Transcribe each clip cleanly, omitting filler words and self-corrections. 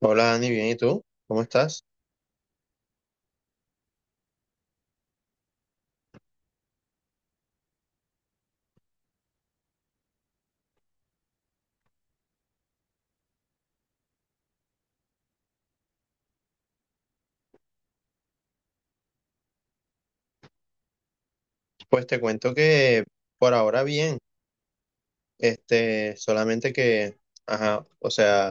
Hola Dani, bien, ¿y tú? ¿Cómo estás? Pues te cuento que por ahora bien, este, solamente que, ajá, o sea,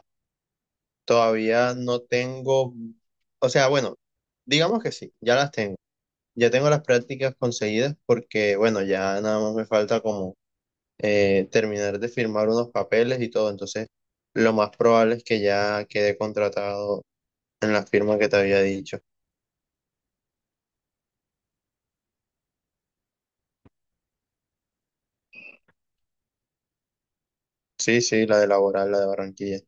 todavía no tengo, o sea, bueno, digamos que sí, ya las tengo, ya tengo las prácticas conseguidas porque, bueno, ya nada más me falta como terminar de firmar unos papeles y todo. Entonces lo más probable es que ya quede contratado en la firma que te había dicho. Sí, sí, la de laboral, la de Barranquilla.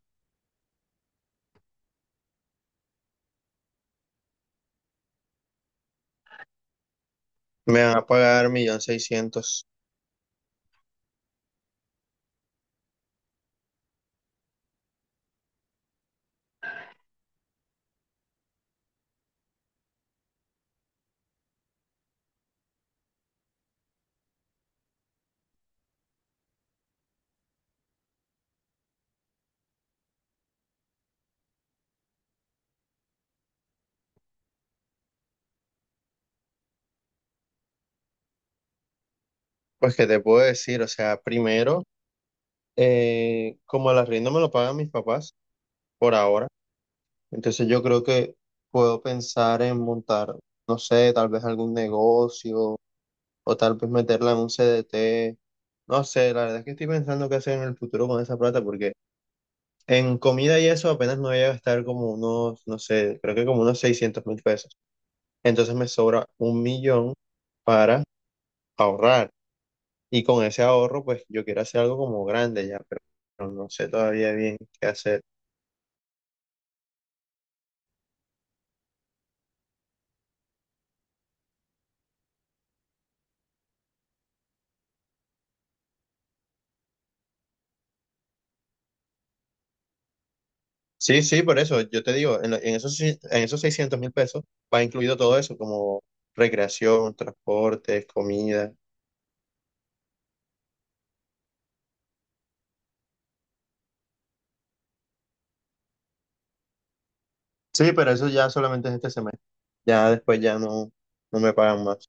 Me van a pagar un millón seiscientos mil. Pues que te puedo decir, o sea, primero, como el arriendo me lo pagan mis papás por ahora, entonces yo creo que puedo pensar en montar, no sé, tal vez algún negocio o tal vez meterla en un CDT, no sé, la verdad es que estoy pensando qué hacer en el futuro con esa plata, porque en comida y eso apenas me voy a gastar como unos, no sé, creo que como unos 600 mil pesos, entonces me sobra un millón para ahorrar. Y con ese ahorro, pues yo quiero hacer algo como grande ya, pero no sé todavía bien qué hacer. Sí, sí, por eso yo te digo, en, en esos, en esos 600 mil pesos va incluido todo eso, como recreación, transportes, comida. Sí, pero eso ya solamente es este semestre. Ya después ya no, no me pagan más.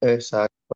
Exacto.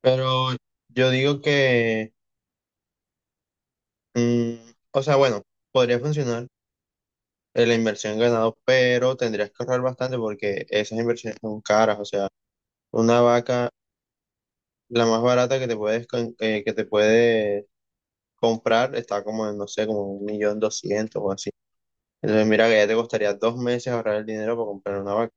Pero yo digo que, mm, o sea, bueno, podría funcionar la inversión en ganado, pero tendrías que ahorrar bastante porque esas inversiones son caras, o sea. Una vaca, la más barata que te puedes, que te puedes comprar está como en, no sé, como un millón doscientos o así. Entonces, mira que ya te costaría dos meses ahorrar el dinero para comprar una vaca.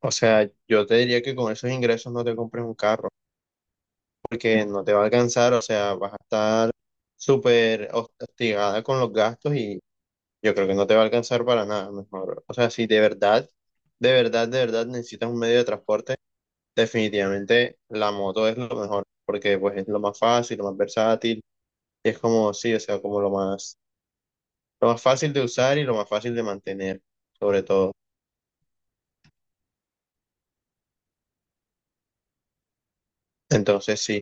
O sea, yo te diría que con esos ingresos no te compres un carro, porque no te va a alcanzar, o sea, vas a estar súper hostigada con los gastos y yo creo que no te va a alcanzar para nada, mejor. O sea, si de verdad, de verdad, de verdad necesitas un medio de transporte, definitivamente la moto es lo mejor, porque pues es lo más fácil, lo más versátil, es como, sí, o sea, como lo más fácil de usar y lo más fácil de mantener, sobre todo. Entonces, sí.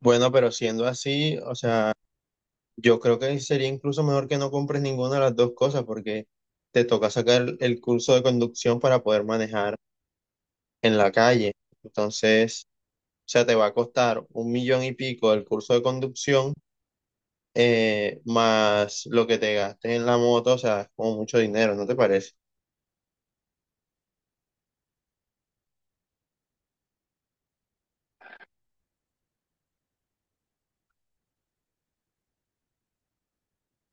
Bueno, pero siendo así, o sea, yo creo que sería incluso mejor que no compres ninguna de las dos cosas porque te toca sacar el curso de conducción para poder manejar en la calle. Entonces, o sea, te va a costar un millón y pico el curso de conducción, más lo que te gastes en la moto, o sea, es como mucho dinero, ¿no te parece?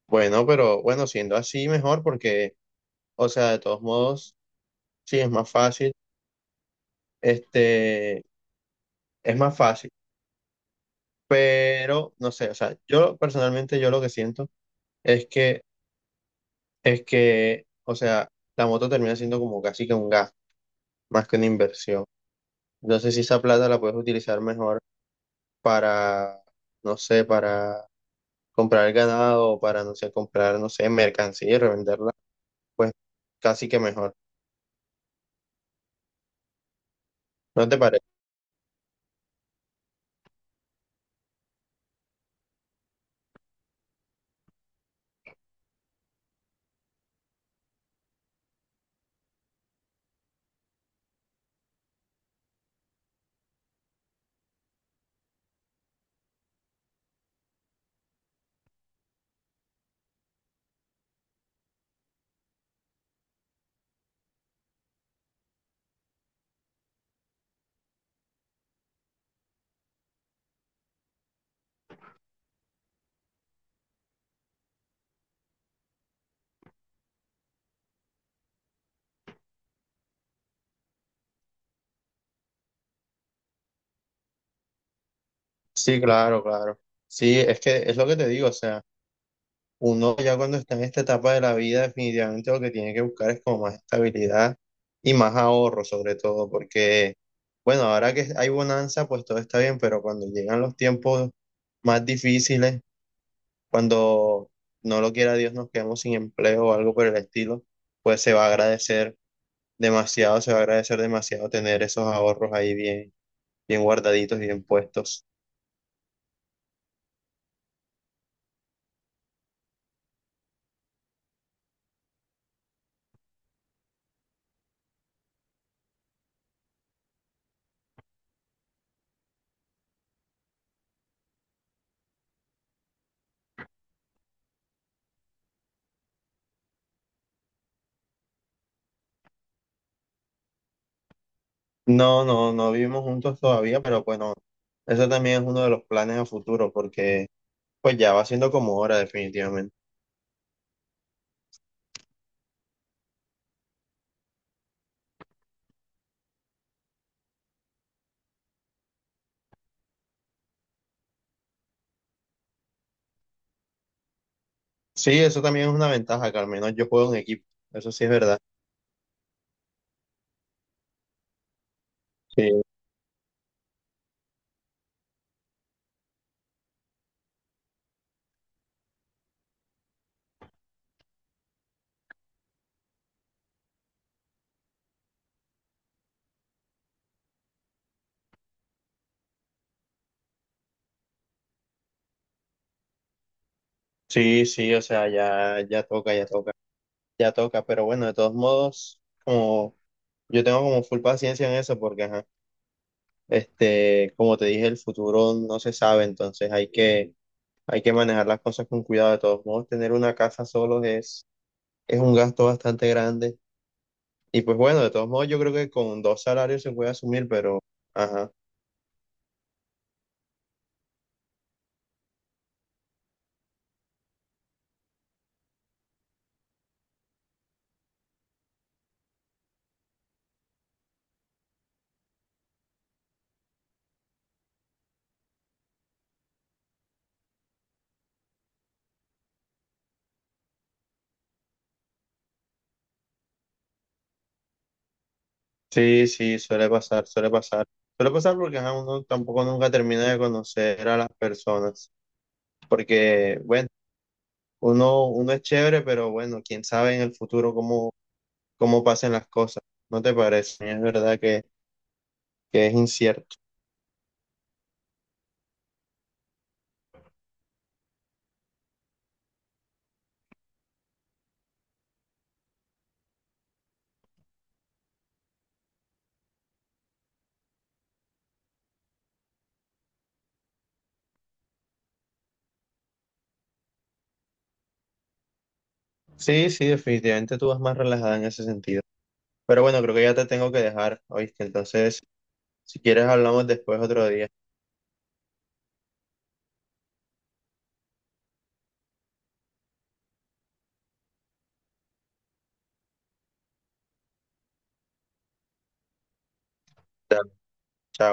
Bueno, pero bueno, siendo así, mejor porque… O sea, de todos modos, sí, es más fácil. Este, es más fácil, pero no sé, o sea, yo personalmente, yo lo que siento es que, o sea, la moto termina siendo como casi que un gasto, más que una inversión. Entonces, si esa plata la puedes utilizar mejor para, no sé, para comprar ganado o para, no sé, comprar, no sé, mercancía y revenderla, pues casi que mejor. ¿No te parece? Sí, claro, claro. Sí, es que es lo que te digo, o sea. Uno ya cuando está en esta etapa de la vida, definitivamente lo que tiene que buscar es como más estabilidad y más ahorro, sobre todo, porque, bueno, ahora que hay bonanza, pues todo está bien, pero cuando llegan los tiempos más difíciles, cuando no lo quiera Dios nos quedamos sin empleo o algo por el estilo, pues se va a agradecer demasiado, se va a agradecer demasiado tener esos ahorros ahí bien, bien guardaditos y bien puestos. No, no, no vivimos juntos todavía, pero bueno, eso también es uno de los planes a futuro, porque pues ya va siendo como hora, definitivamente. Sí, eso también es una ventaja, que al menos yo juego en equipo. Eso sí es verdad. Sí, sí, sí, o sea, ya, ya toca, ya toca, ya toca. Pero bueno, de todos modos, como yo tengo como full paciencia en eso, porque ajá, este, como te dije, el futuro no se sabe, entonces hay que manejar las cosas con cuidado. De todos modos, tener una casa solo es un gasto bastante grande. Y pues bueno, de todos modos, yo creo que con dos salarios se puede asumir, pero ajá. Sí, sí, suele pasar, suele pasar. Suele pasar porque ajá, uno tampoco nunca termina de conocer a las personas. Porque, bueno, uno, uno es chévere, pero bueno, quién sabe en el futuro cómo, cómo pasen las cosas. ¿No te parece? Es verdad que es incierto. Sí, sí, definitivamente tú vas más relajada en ese sentido. Pero bueno, creo que ya te tengo que dejar, ¿oíste? Entonces, si quieres, hablamos después otro día. Dale, chao.